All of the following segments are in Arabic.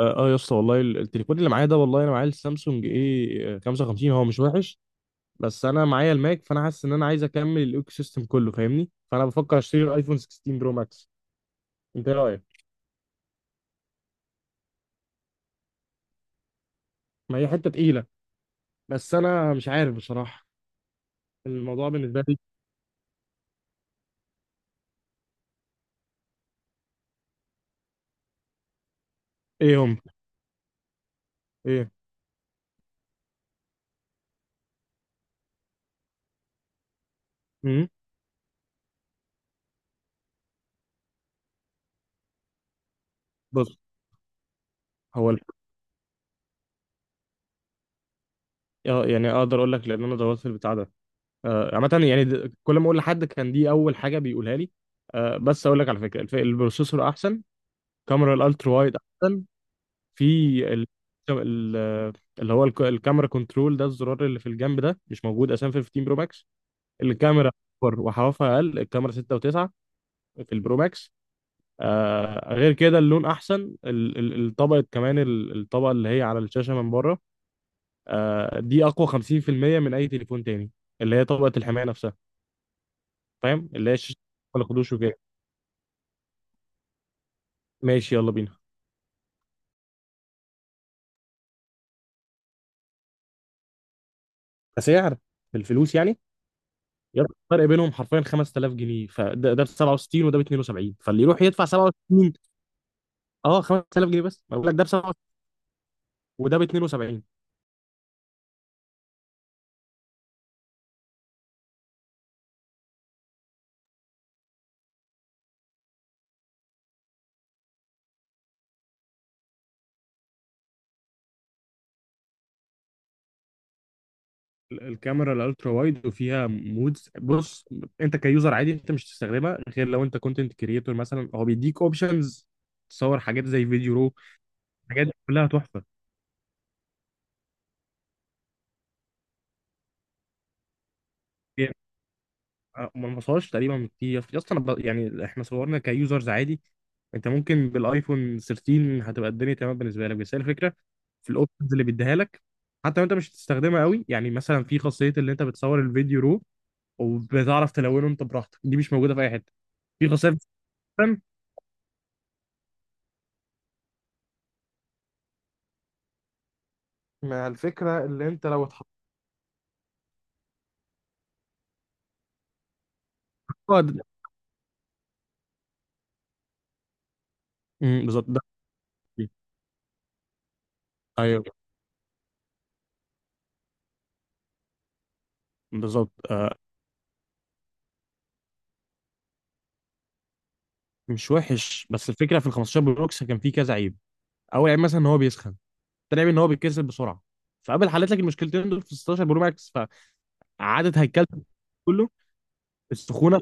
اه آه يا اسطى، والله التليفون اللي معايا ده والله، انا معايا السامسونج ايه 55. هو مش وحش، بس انا معايا الماك، فانا حاسس ان انا عايز اكمل الايكو سيستم كله، فاهمني؟ فانا بفكر اشتري الايفون 16 برو ماكس. انت ايه رايك؟ ما هي حته تقيله، بس انا مش عارف بصراحه الموضوع بالنسبه لي. ايه هم؟ ايه؟ امم بص، هو يعني اقدر اقول لك، لان انا دورت في البتاع ده. عامه يعني كل ما اقول لحد كان دي اول حاجه بيقولها لي. بس اقول لك على فكره البروسيسور احسن، كاميرا الالترا وايد، في ال... ال... اللي هو الكاميرا كنترول ده، الزرار اللي في الجنب ده مش موجود اساسا في ال 15 برو ماكس. الكاميرا اكبر وحوافها اقل، الكاميرا 6 و9 في البرو ماكس. آه، غير كده اللون احسن، الطبقه كمان، الطبقه اللي هي على الشاشه من بره، آه، دي اقوى 50% من اي تليفون تاني، اللي هي طبقه الحمايه نفسها. فاهم؟ اللي هي الشاشه ما خدوش وكده. ماشي يلا بينا. كسعر، بالفلوس يعني؟ يا اسطى الفرق بينهم حرفيا 5000 جنيه، فده ده ب 67 وده ب 72، فاللي يروح يدفع 67. اه، 5000 جنيه بس. ما بقول لك ده ب 67 وده ب 72. الكاميرا الالترا وايد وفيها مودز. بص، انت كيوزر عادي، انت مش تستخدمها غير لو انت كونتنت كريتور مثلا. هو بيديك اوبشنز تصور حاجات زي فيديو رو، الحاجات دي كلها تحفه. يعني ما نوصلش تقريبا، في اصلا يعني احنا صورنا كيوزرز عادي، انت ممكن بالايفون 13 هتبقى الدنيا تمام بالنسبه لك. بس هي الفكره في الاوبشنز اللي بيديها لك، حتى لو انت مش هتستخدمها قوي. يعني مثلا في خاصيه اللي انت بتصور الفيديو رو وبتعرف تلونه انت براحتك، دي مش موجوده في اي حته. في خاصيه، في مع الفكرة اللي انت لو اتحطيت. اه، بالظبط، ده حقيقي. ايوه، بالظبط آه. مش وحش، بس الفكره في ال 15 بروكس كان فيه كذا عيب. اول عيب مثلا ان هو بيسخن، تاني عيب ان هو بيتكسر بسرعه، فقبل حلت لك المشكلتين دول في 16 برو ماكس. فقعدت هيكلت كله السخونه.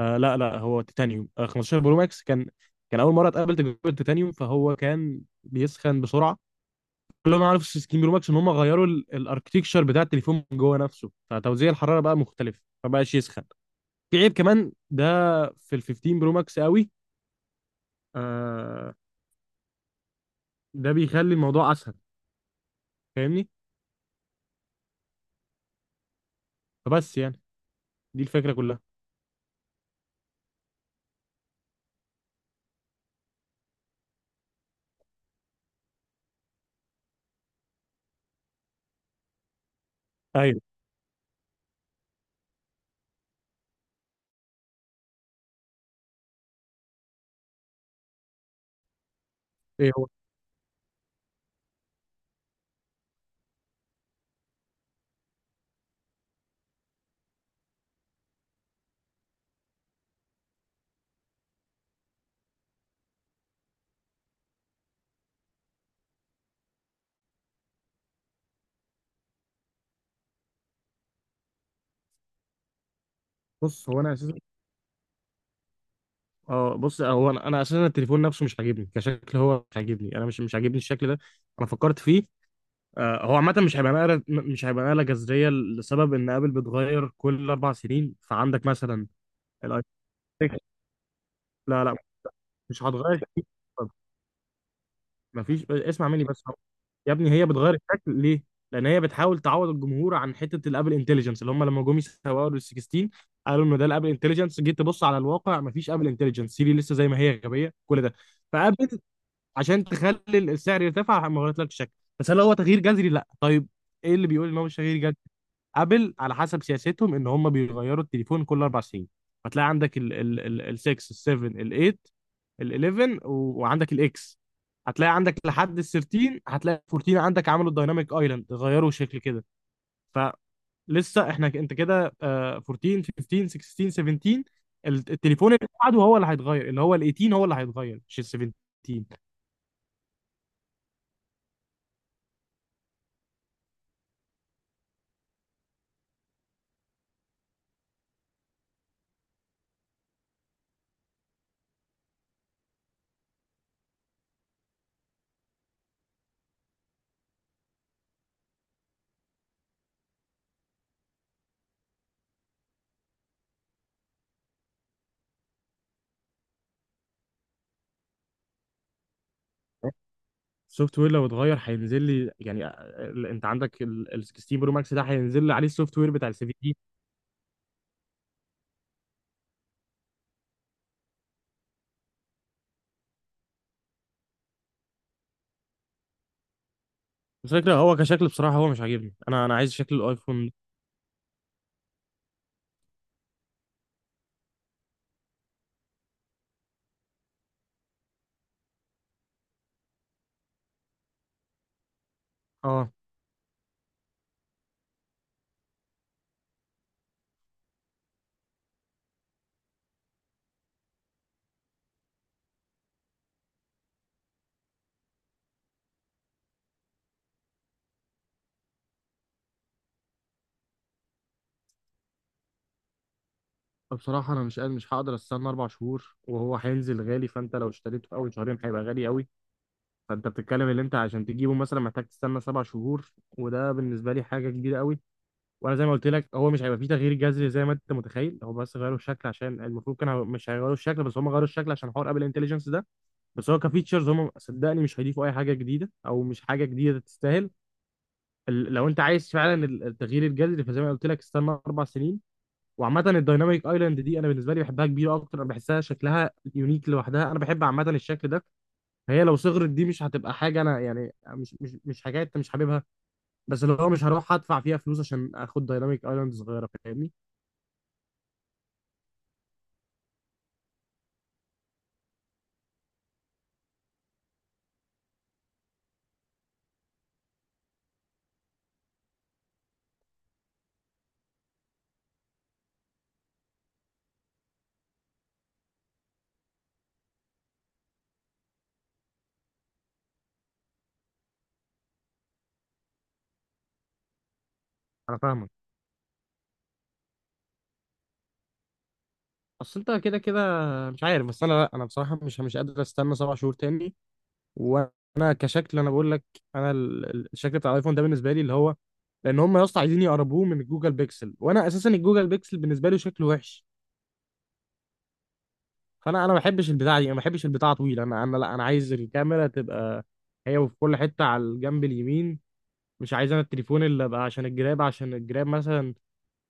آه لا لا، هو تيتانيوم، آه 15 برو ماكس كان، كان اول مره اتقابل تجربه تيتانيوم، فهو كان بيسخن بسرعه. كل ما عرفوا في 16 برو ماكس ان هم غيروا الاركتكشر بتاع التليفون من جوه نفسه، فتوزيع الحراره بقى مختلف فبقاش يسخن. في عيب كمان ده في ال 15 برو ماكس قوي، آه، ده بيخلي الموضوع اسهل، فاهمني؟ فبس يعني، دي الفكره كلها. ايوه. ايه هو؟ بص، هو انا اساسا، اه بص، هو انا اساسا التليفون نفسه مش عاجبني كشكل، هو مش عاجبني، انا مش عاجبني الشكل ده. انا فكرت فيه. هو عامة مش هيبقى نقلة، مش هيبقى نقلة جذرية، لسبب إن آبل بتغير كل أربع سنين، فعندك مثلا الأيفون 6. لا لا، مش هتغير كتير. طب مفيش، اسمع مني بس أهو. يا ابني، هي بتغير الشكل ليه؟ لأن هي بتحاول تعوض الجمهور عن حتة الآبل انتليجنس اللي هم لما جم يسوقوا لل 16 قالوا إنه ده الآبل انتليجنس. جيت تبص على الواقع، مفيش آبل انتليجنس، سيري لسه زي ما هي غبية، كل ده. فآبل عشان تخلي السعر يرتفع ما غيرتلكش الشكل. بس هل هو تغيير جذري؟ لا. طيب إيه اللي بيقول إن هو مش تغيير جذري؟ ابل على حسب سياستهم ان هم بيغيروا التليفون كل اربع سنين، فتلاقي عندك ال 6، ال 7، ال 8، ال 11، وعندك الاكس. هتلاقي عندك لحد ال 13، هتلاقي ال 14 عندك عملوا الدايناميك ايلاند، غيروا شكل كده. فلسه احنا انت كده، 14، 15، 16، 17، التليفون اللي بعده هو اللي هيتغير، اللي هو ال 18 هو اللي هيتغير مش ال 17. السوفت وير لو اتغير هينزل لي يعني؟ انت عندك ال 16 برو ماكس، ده هينزل لي عليه السوفت وير بتاع ال 17. الفكرة هو كشكل بصراحة هو مش عاجبني، انا انا عايز شكل الايفون ده. اه، بصراحة أنا مش قادر، مش هقدر أستنى أربع شهور، وهو هينزل غالي، فأنت لو اشتريته في أول شهرين هيبقى غالي أوي. فأنت بتتكلم اللي أنت عشان تجيبه مثلا محتاج تستنى سبع شهور، وده بالنسبة لي حاجة كبيرة أوي. وأنا زي ما قلت لك، هو مش هيبقى فيه تغيير جذري زي ما أنت متخيل، هو بس غيروا الشكل، عشان المفروض كانوا مش هيغيروا الشكل، بس هم غيروا الشكل عشان حوار أبل انتليجنس ده. بس هو كفيتشرز، هم صدقني مش هيضيفوا أي حاجة جديدة، أو مش حاجة جديدة تستاهل. لو انت عايز فعلا التغيير الجذري، فزي ما قلت لك استنى اربع سنين. وعامه الدايناميك ايلاند دي انا بالنسبه لي بحبها كبيره اكتر، انا بحسها شكلها يونيك لوحدها، انا بحب عامه الشكل ده. فهي لو صغرت دي مش هتبقى حاجه، انا يعني مش حاجات انت مش حاببها، بس اللي هو مش هروح ادفع فيها فلوس عشان اخد دايناميك ايلاند صغيره، فاهمني؟ انا فاهمك. اصل انت كده كده مش عارف، بس انا لا، انا بصراحه مش قادر استنى سبع شهور تاني. وانا كشكل انا بقول لك، انا الشكل بتاع الايفون ده بالنسبه لي، اللي هو، لان هم يا اسطى عايزين يقربوه من الجوجل بيكسل، وانا اساسا الجوجل بيكسل بالنسبه لي شكله وحش. فانا، انا ما بحبش البتاعه دي، انا ما بحبش البتاعه طويله، انا انا لا، انا عايز الكاميرا تبقى هي في كل حته على الجنب اليمين، مش عايز انا التليفون اللي ابقى عشان الجراب، عشان الجراب مثلا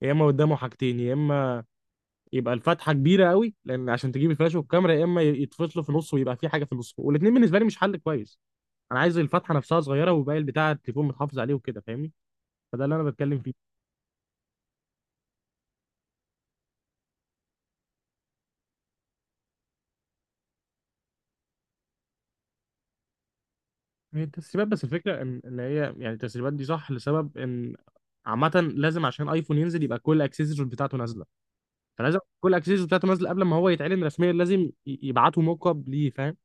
يا اما قدامه حاجتين، يا اما يبقى الفتحه كبيره قوي، لان عشان تجيب الفلاش والكاميرا، يا اما يتفصلوا في نص ويبقى في حاجه في النص، والاثنين بالنسبه لي مش حل كويس. انا عايز الفتحه نفسها صغيره، وباقي البتاع التليفون متحافظ عليه وكده، فاهمني؟ فده اللي انا بتكلم فيه. هي التسريبات بس الفكره ان هي يعني التسريبات دي صح، لسبب ان عامه لازم عشان ايفون ينزل يبقى كل الاكسسوارز بتاعته نازله. فلازم كل الاكسسوارز بتاعته نازله قبل ما هو يتعلن رسميا، لازم يبعتوا موك اب ليه، فاهم؟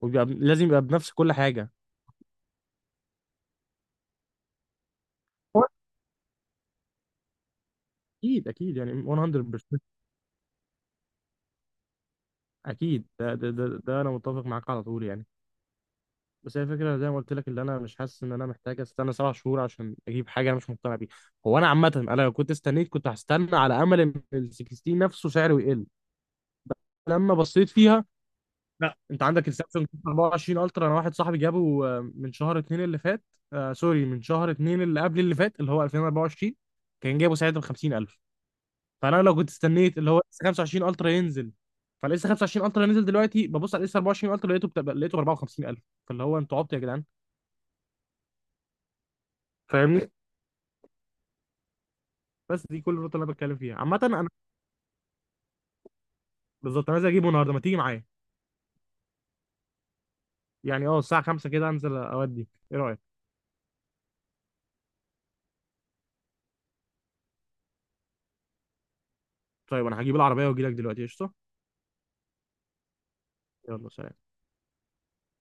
وبيبقى لازم يبقى بنفس كل حاجه. هو اكيد، اكيد يعني. 100% اكيد، ده انا متفق معاك على طول يعني. بس هي الفكرة زي ما قلت لك، اللي انا مش حاسس ان انا محتاج استنى سبع شهور عشان اجيب حاجة انا مش مقتنع بيها. هو انا عامة، انا لو كنت استنيت كنت هستنى على امل ان ال 16 نفسه سعره يقل لما بصيت فيها. لا، انت عندك السامسونج 24 الترا، انا واحد صاحبي جابه من شهر اتنين اللي فات، آه سوري، من شهر اتنين اللي قبل اللي فات، اللي هو 2024، كان جايبه ساعتها ب 50,000. فانا لو كنت استنيت اللي هو لسه 25 الترا ينزل، فلسه 25 الترا نزل دلوقتي، ببص على لسه 24 الترا لقيته لقيته ب 54,000، فاللي هو انتوا عبط يا جدعان، فاهمني؟ بس دي كل النقطة اللي انا بتكلم فيها عامة انا. بالظبط، انا عايز اجيبه النهارده، ما تيجي معايا؟ يعني اه الساعة 5 كده انزل اودي، ايه رأيك؟ طيب انا هجيب العربية واجي لك دلوقتي، قشطة. يلا سلام.